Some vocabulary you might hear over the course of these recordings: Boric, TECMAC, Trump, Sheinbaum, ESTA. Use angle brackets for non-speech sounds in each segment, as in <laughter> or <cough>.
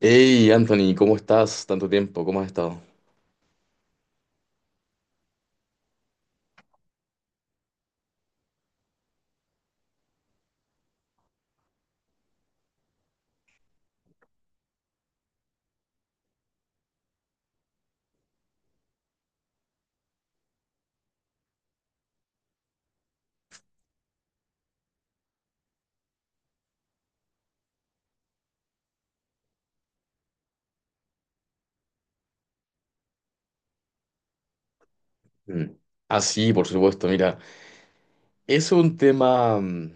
Hey Anthony, ¿cómo estás? Tanto tiempo, ¿cómo has estado? Mm. Ah, sí, por supuesto, mira, es un tema mm,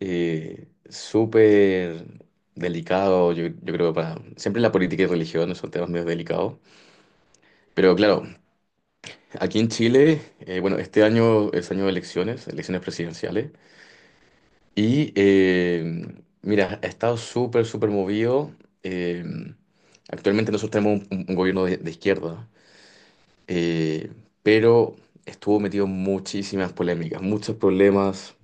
eh, súper delicado, yo creo, para... Siempre la política y religión son temas medio delicados, pero claro, aquí en Chile, bueno, este año es año de elecciones, elecciones presidenciales, y mira, ha estado súper, súper movido. eh, Actualmente nosotros tenemos un gobierno de izquierda. eh, pero estuvo metido en muchísimas polémicas, muchos problemas,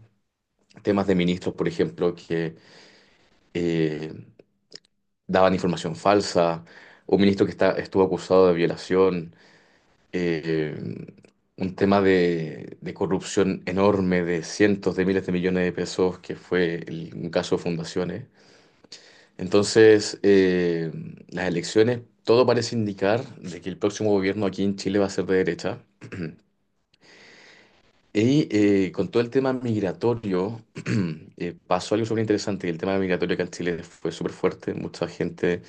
temas de ministros, por ejemplo, que eh, daban información falsa, un ministro que estuvo acusado de violación, eh, un tema de corrupción enorme de cientos de miles de millones de pesos, que fue un caso de fundaciones. Entonces, las elecciones, todo parece indicar de que el próximo gobierno aquí en Chile va a ser de derecha. Y con todo el tema migratorio, <clears throat> pasó algo súper interesante. El tema migratorio acá en Chile fue súper fuerte. Mucha gente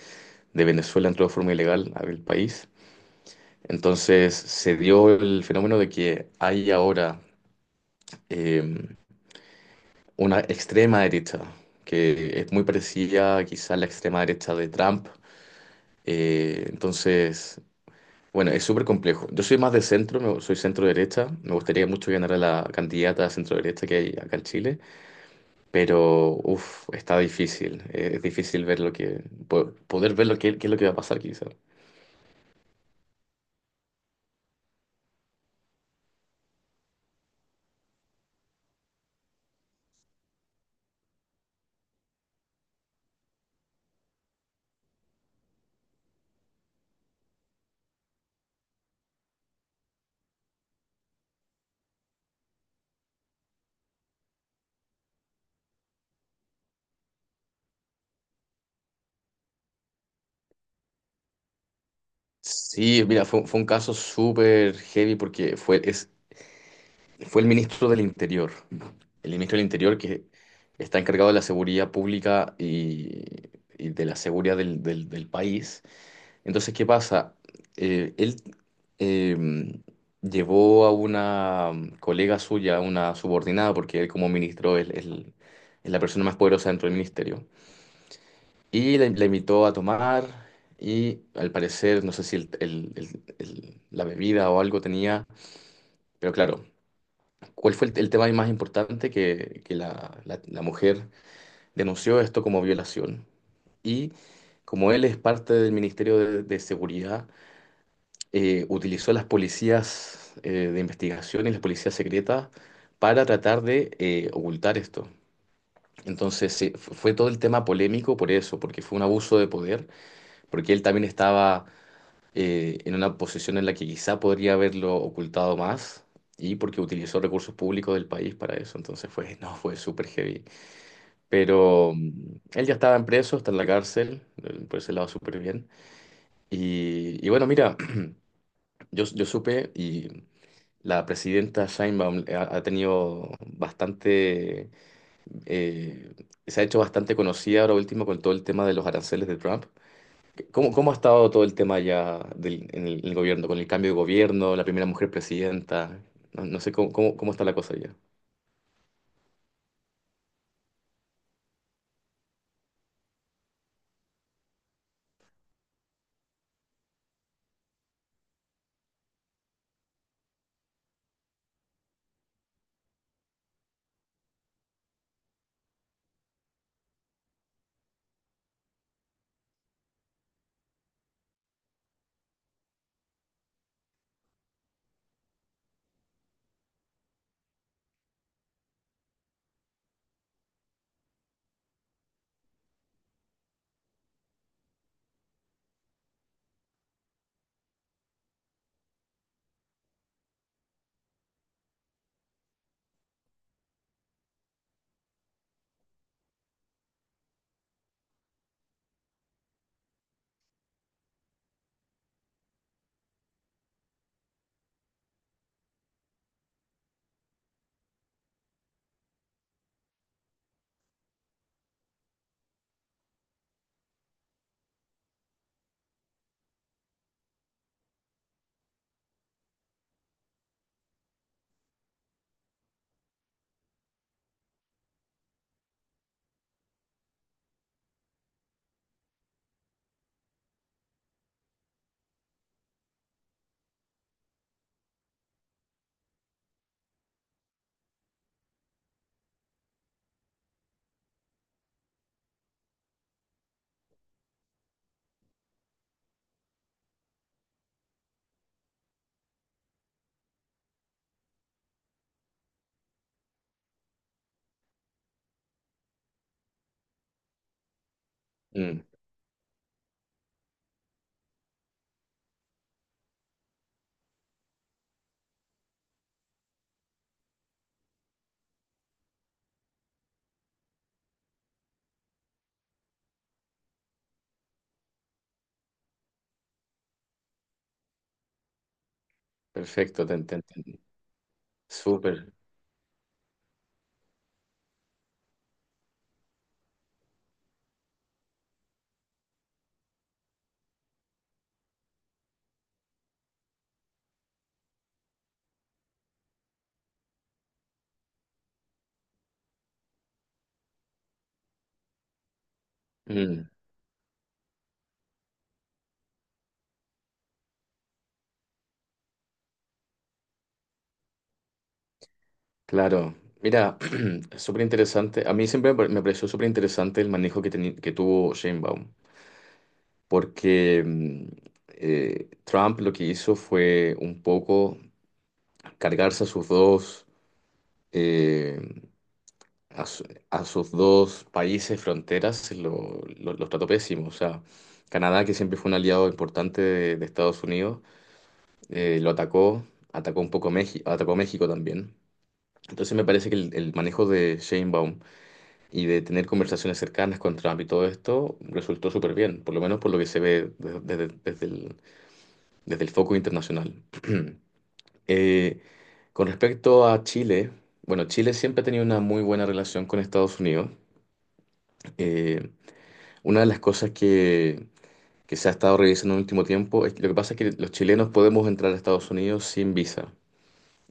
de Venezuela entró de forma ilegal al país. Entonces se dio el fenómeno de que hay ahora eh, una extrema derecha, que es muy parecida quizá a la extrema derecha de Trump. Entonces, bueno, es súper complejo. Yo soy más de centro, soy centro derecha. Me gustaría mucho ganar a la candidata centro derecha que hay acá en Chile. Pero, uff, está difícil. Es difícil ver lo que, poder ver lo que, qué es lo que va a pasar, quizás. Sí, mira, fue un caso súper heavy porque fue el ministro del Interior. El ministro del Interior que está encargado de la seguridad pública y de la seguridad del país. Entonces, ¿qué pasa? Él em, llevó a una colega suya, a una subordinada, porque él como ministro es la persona más poderosa dentro del ministerio. Y la invitó a tomar y al parecer, no sé si la bebida o algo tenía, pero claro, ¿cuál fue el tema más importante que la mujer denunció esto como violación? Y como él es parte del Ministerio de Seguridad, utilizó a las policías de investigación y las policías secretas para tratar de ocultar esto. Fue todo el tema polémico por eso, porque fue un abuso de poder, porque él también estaba en una posición en la que quizá podría haberlo ocultado más y porque utilizó recursos públicos del país para eso. Entonces fue, no, fue súper heavy. Pero él ya estaba en preso, está en la cárcel, por ese lado súper bien. Y bueno, mira, <clears throat> yo supe y la presidenta Sheinbaum ha tenido bastante, eh, se ha hecho bastante conocida ahora último con todo el tema de los aranceles de Trump. ¿Cómo, cómo ha estado todo el tema ya en el gobierno, con el cambio de gobierno, la primera mujer presidenta? No, no sé cómo está la cosa ya. Mm, perfecto, te entendí. Súper. Mm, claro. Mira, <clears throat> súper interesante. A mí siempre me pareció súper interesante el manejo que, que tuvo Sheinbaum. Porque Trump lo que hizo fue un poco cargarse a sus dos, eh, a, su- a sus dos países fronteras, los trató pésimo. O sea, Canadá, que siempre fue un aliado importante de Estados Unidos, lo atacó, atacó un poco México, atacó México también. Entonces me parece que el manejo de Sheinbaum y de tener conversaciones cercanas con Trump y todo esto resultó súper bien, por lo menos por lo que se ve desde el foco internacional. <clears throat> Eh, con respecto a Chile, bueno, Chile siempre ha tenido una muy buena relación con Estados Unidos. Eh, una de las cosas que se ha estado revisando en el último tiempo es lo que pasa es que los chilenos podemos entrar a Estados Unidos sin visa.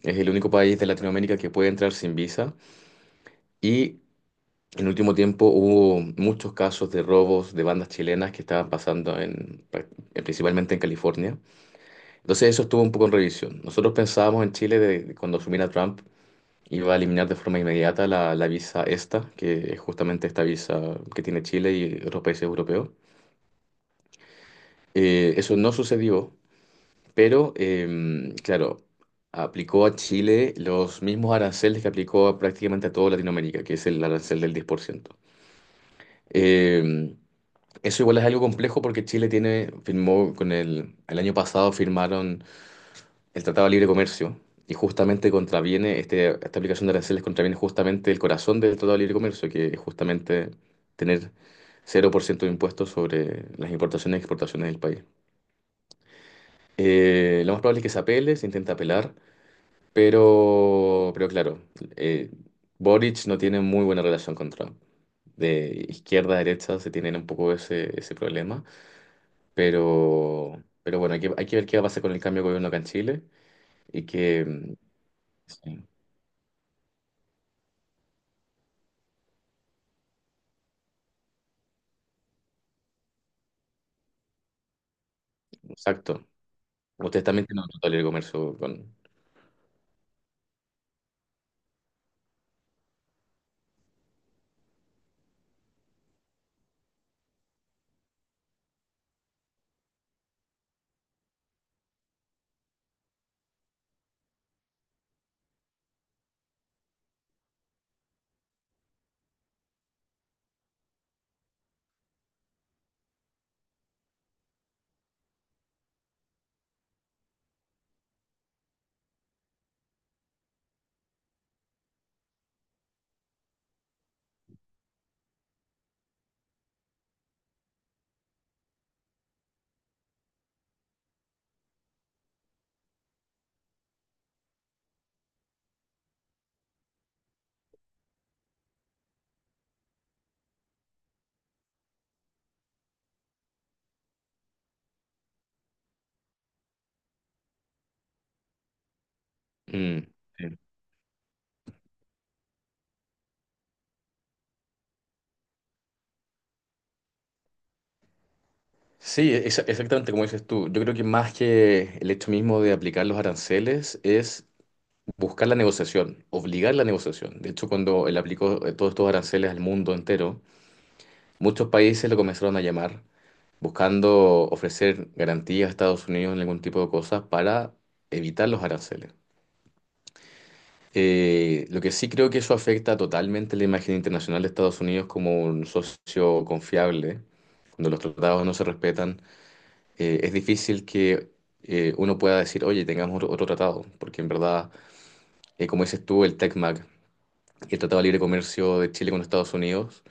Es el único país de Latinoamérica que puede entrar sin visa. Y en el último tiempo hubo muchos casos de robos de bandas chilenas que estaban pasando en, principalmente en California. Entonces eso estuvo un poco en revisión. Nosotros pensábamos en Chile de cuando asumiera Trump iba a eliminar de forma inmediata la visa ESTA, que es justamente esta visa que tiene Chile y otros países europeos. Eso no sucedió, pero claro, aplicó a Chile los mismos aranceles que aplicó a prácticamente a toda Latinoamérica, que es el arancel del 10%. Em, Eso igual es algo complejo porque Chile tiene, firmó con el año pasado firmaron el Tratado de Libre Comercio, y justamente contraviene, este, esta aplicación de aranceles contraviene justamente el corazón del Tratado de Libre Comercio, que es justamente tener cero por ciento de impuestos sobre las importaciones y exportaciones del país. Lo más probable es que se apele, se intenta apelar, pero claro, eh, Boric no tiene muy buena relación con Trump. De izquierda a derecha se tienen un poco ese, ese problema, pero bueno, hay que ver qué va a pasar con el cambio de gobierno acá en Chile y que... mm, sí, exacto. Ustedes también tienen una tolera de comercio con... Mm, sí, sí, exactamente como dices tú. Yo creo que más que el hecho mismo de aplicar los aranceles es buscar la negociación, obligar la negociación. De hecho, cuando él aplicó todos estos aranceles al mundo entero, muchos países lo comenzaron a llamar buscando ofrecer garantías a Estados Unidos en algún tipo de cosas para evitar los aranceles. Lo que sí creo que eso afecta totalmente la imagen internacional de Estados Unidos como un socio confiable. Cuando los tratados no se respetan, es difícil que uno pueda decir, oye, tengamos otro tratado, porque en verdad, como dices tú, el TECMAC, el Tratado de Libre Comercio de Chile con Estados Unidos,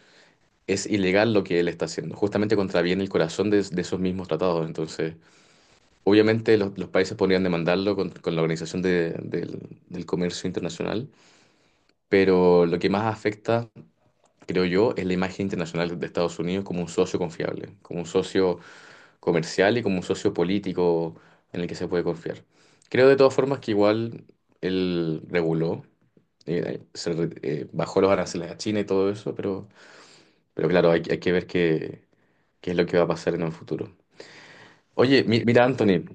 es ilegal lo que él está haciendo, justamente contraviene el corazón de esos mismos tratados. Entonces, obviamente los países podrían demandarlo con la Organización del Comercio Internacional, pero lo que más afecta creo yo, es la imagen internacional de Estados Unidos como un socio confiable, como un socio comercial y como un socio político en el que se puede confiar. Creo de todas formas que igual él reguló, bajó los aranceles a China y todo eso, pero claro, hay que ver qué, qué es lo que va a pasar en un futuro. Oye, mira, Anthony,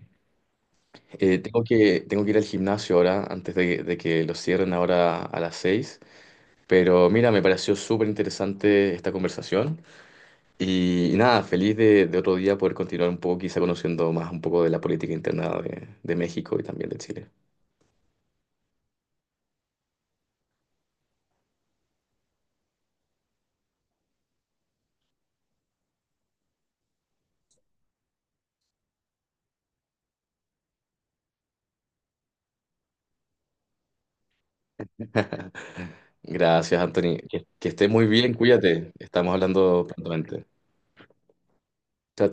tengo que ir al gimnasio ahora, antes de que lo cierren ahora a las 6. Pero mira, me pareció súper interesante esta conversación. Y nada, feliz de otro día poder continuar un poco, quizá conociendo más un poco de la política interna de México y también de Chile. <laughs> Gracias, Anthony. Que estés muy bien, cuídate. Estamos hablando prontamente. Chao,